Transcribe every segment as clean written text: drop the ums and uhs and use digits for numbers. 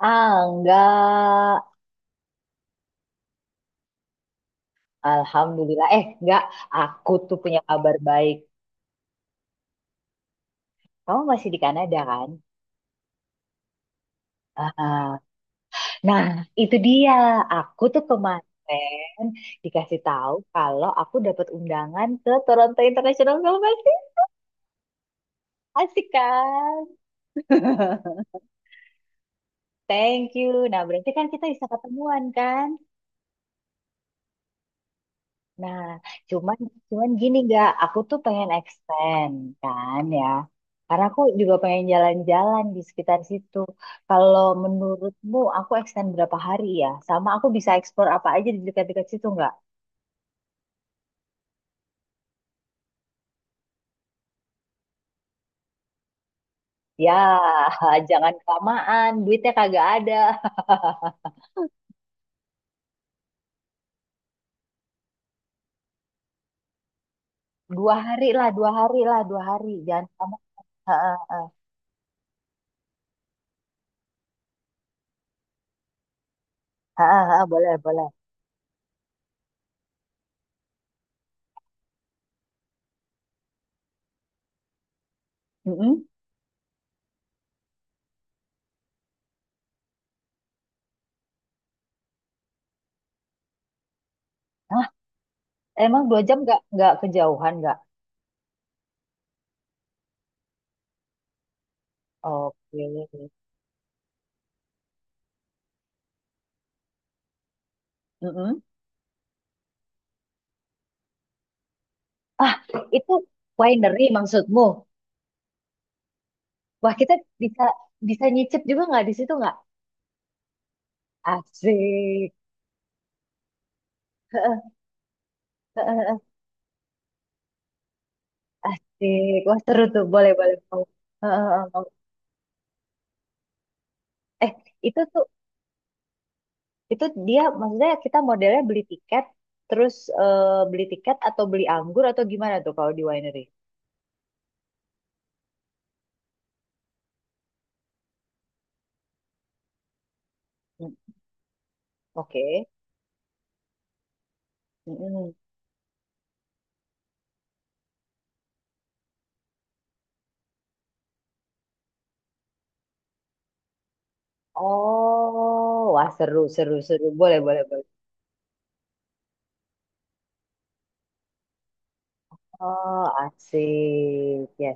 Ah, enggak. Alhamdulillah. Eh, enggak. Aku tuh punya kabar baik. Kamu masih di Kanada kan? Ah, nah, itu dia. Aku tuh kemarin dikasih tahu kalau aku dapat undangan ke Toronto International Film Festival. Asik kan? Thank you. Nah, berarti kan kita bisa ketemuan kan? Nah, cuman cuman gini nggak, aku tuh pengen extend kan ya. Karena aku juga pengen jalan-jalan di sekitar situ. Kalau menurutmu aku extend berapa hari ya? Sama aku bisa explore apa aja di dekat-dekat situ nggak? Ya, jangan kelamaan, duitnya kagak ada. Dua hari lah, dua hari lah, dua hari. Jangan lama. Ha, ha, ha. Ha, ha, ha, boleh, boleh. Mm-mm. Hah, emang dua jam nggak kejauhan nggak? Oke. Mm-mm. Ah, itu winery maksudmu? Wah, kita bisa bisa nyicip juga nggak di situ nggak? Asik. Heeh, heeh, heeh. Asik. Wah, seru tuh. Boleh, boleh. Mau. Heeh, heeh, mau. Eh, itu tuh itu dia maksudnya kita modelnya beli tiket terus eh, beli tiket atau beli anggur atau gimana tuh kalau di winery? Hmm. Oke. Mm-mm. Oh, wah seru, seru, seru. Boleh, boleh, boleh. Oh, asik. Ya.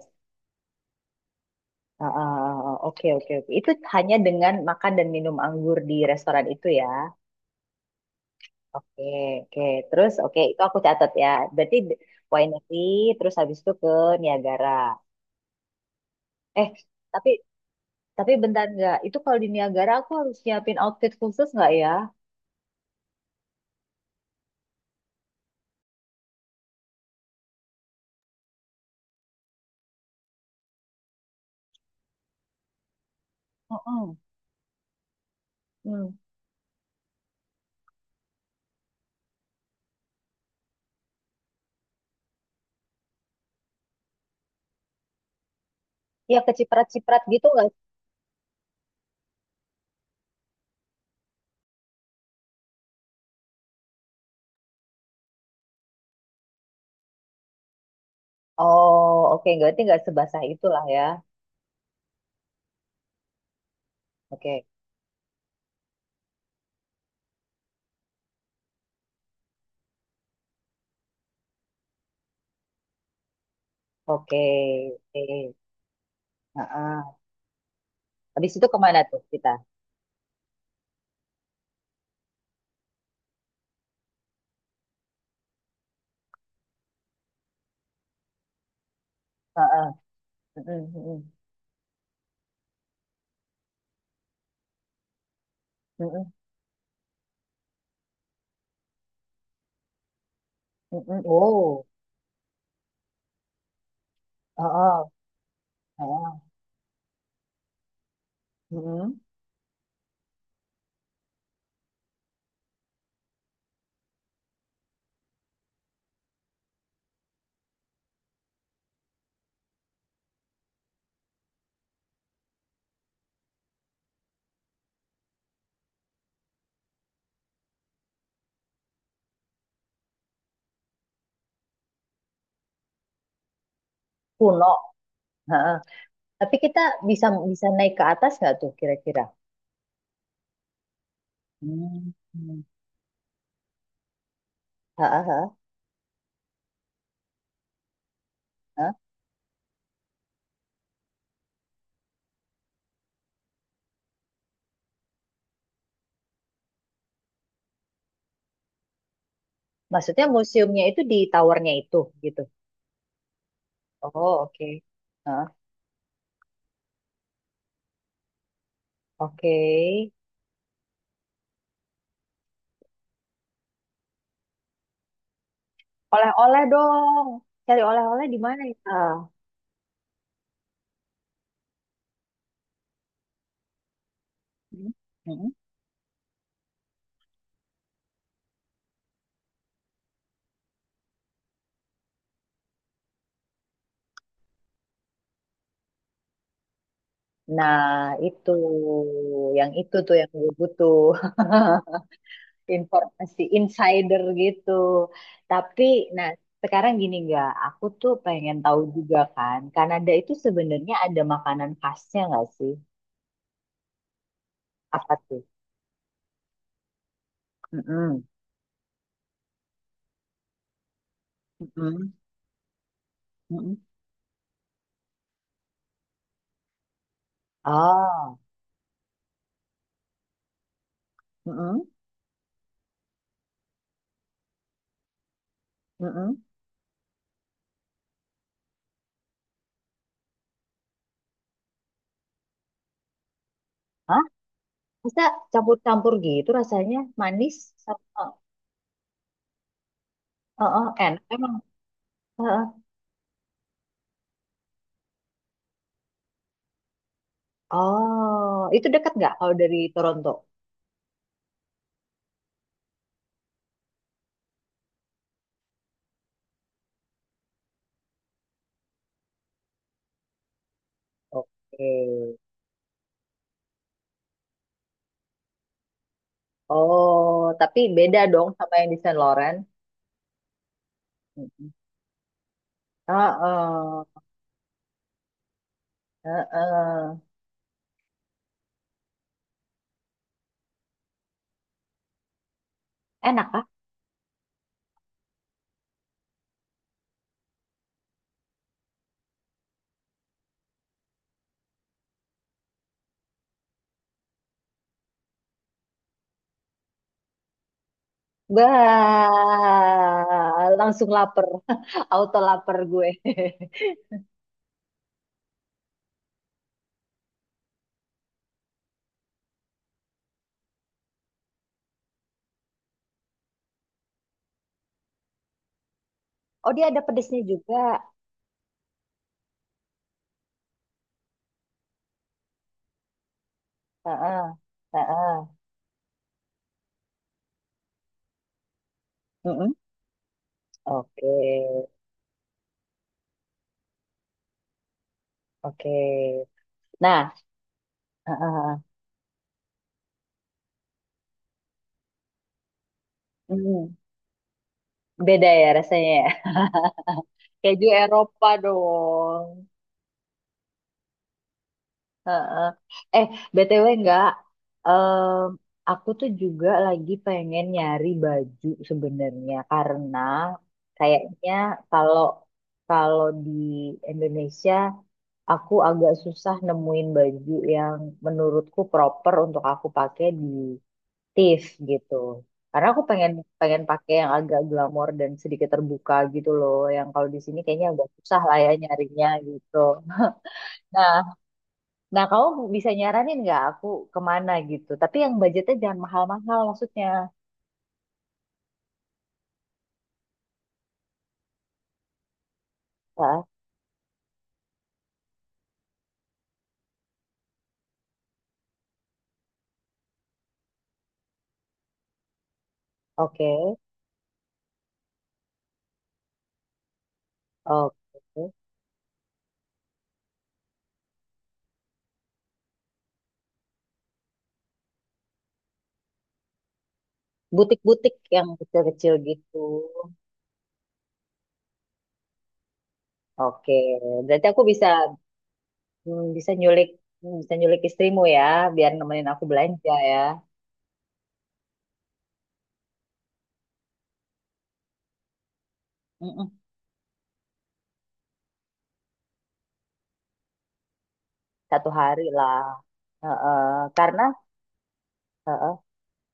Ah, ah, ah, oke, oke, oke. Itu hanya dengan makan dan minum anggur di restoran itu ya. Oke, oke. Terus, oke, itu aku catat ya. Berarti d- winery, terus habis itu ke Niagara. Eh, tapi tapi bentar nggak. Itu kalau di Niagara aku harus nyiapin outfit khusus nggak ya? Mm-mm. Hmm. Ya keciprat-ciprat gitu nggak? Oh, oke. Nggak. Berarti nggak sebasah itulah ya. Oke, oke, oke. Ah, ah. Habis itu kemana tuh kita? Ah, ah. Mm-mm, mm-mm. Mm-mm. Oh, heeh, heeh. Mm-mm. Kuno. Heeh. Tapi kita bisa bisa naik ke atas nggak tuh kira-kira? Hmm. Heeh, heeh, heeh. Maksudnya museumnya itu di towernya itu gitu. Oh, oke. Heeh. Oke. Oleh-oleh dong. Cari oleh-oleh di mana ya? Ah. Mm, mm. Nah, itu yang itu tuh yang gue butuh. Informasi insider gitu. Tapi, nah sekarang gini nggak, aku tuh pengen tahu juga kan, Kanada itu sebenarnya ada makanan khasnya nggak sih? Apa tuh? Mm-mm. Mm-mm, mm-mm. Oh, mm-mm, mm-mm. Hah? Bisa campur-campur gitu rasanya, manis sama, oh, oh, enak emang. Heeh. Oh, itu dekat nggak kalau dari Toronto? Oke. Oh, tapi beda dong sama yang di Saint Lawrence. Heeh, heeh. Enak ah. Bah, langsung lapar. Auto lapar gue. Oh, dia ada pedesnya juga. Heeh, heeh. Mm-mm. Oke, oke. Nah, heeh. Mm. Beda ya rasanya ya. Keju Eropa dong. Heeh. Eh, BTW enggak. Em, aku tuh juga lagi pengen nyari baju sebenarnya karena kayaknya kalau kalau di Indonesia aku agak susah nemuin baju yang menurutku proper untuk aku pakai di TIFF gitu. Karena aku pengen pengen pakai yang agak glamor dan sedikit terbuka gitu loh, yang kalau di sini kayaknya agak susah lah ya nyarinya gitu. Nah, nah, kamu bisa nyaranin nggak aku kemana gitu? Tapi yang budgetnya jangan mahal-mahal maksudnya. Ah, oke, oke. Butik-butik yang kecil-kecil gitu. Oke, berarti aku bisa bisa nyulik bisa nyulik istrimu ya, biar nemenin aku belanja ya. Mm-mm. Satu hari lah. Heeh. Karena heeh.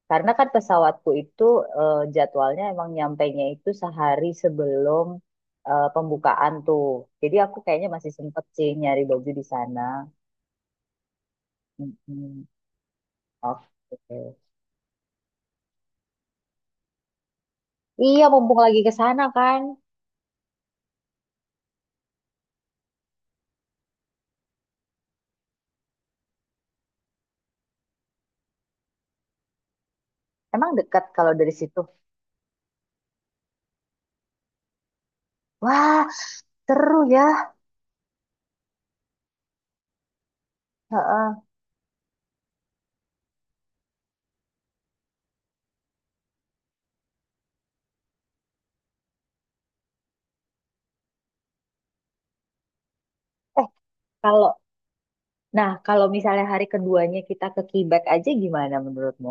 Karena kan pesawatku itu jadwalnya emang nyampainya itu sehari sebelum pembukaan tuh. Jadi aku kayaknya masih sempet sih nyari baju di sana. Mm-mm. Oke. Iya, mumpung lagi ke sana kan. Emang dekat kalau dari situ. Wah, seru ya. Heeh. Eh, kalau nah kalau misalnya hari keduanya kita ke Quebec aja gimana menurutmu?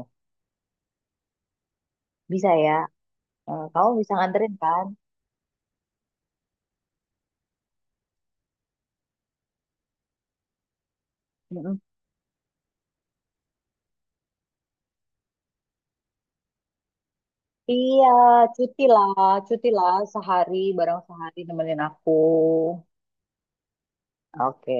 Bisa ya? Eh, kamu bisa nganterin kan? Mm-mm. Iya, cuti lah sehari bareng sehari nemenin aku. Oke.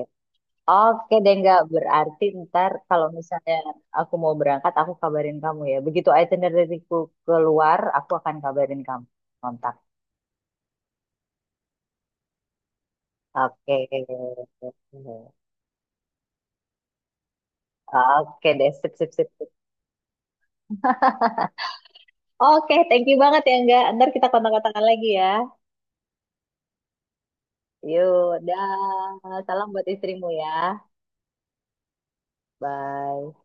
Oke deh nggak berarti ntar kalau misalnya aku mau berangkat aku kabarin kamu ya. Begitu itinerary-ku keluar, aku akan kabarin kamu. Kontak. Oke. Oke deh, sip sip sip, sip. Oke, thank you banget ya enggak. Ntar kita kontak-kontakan lagi ya. Yuk, dah. Salam buat istrimu ya. Bye.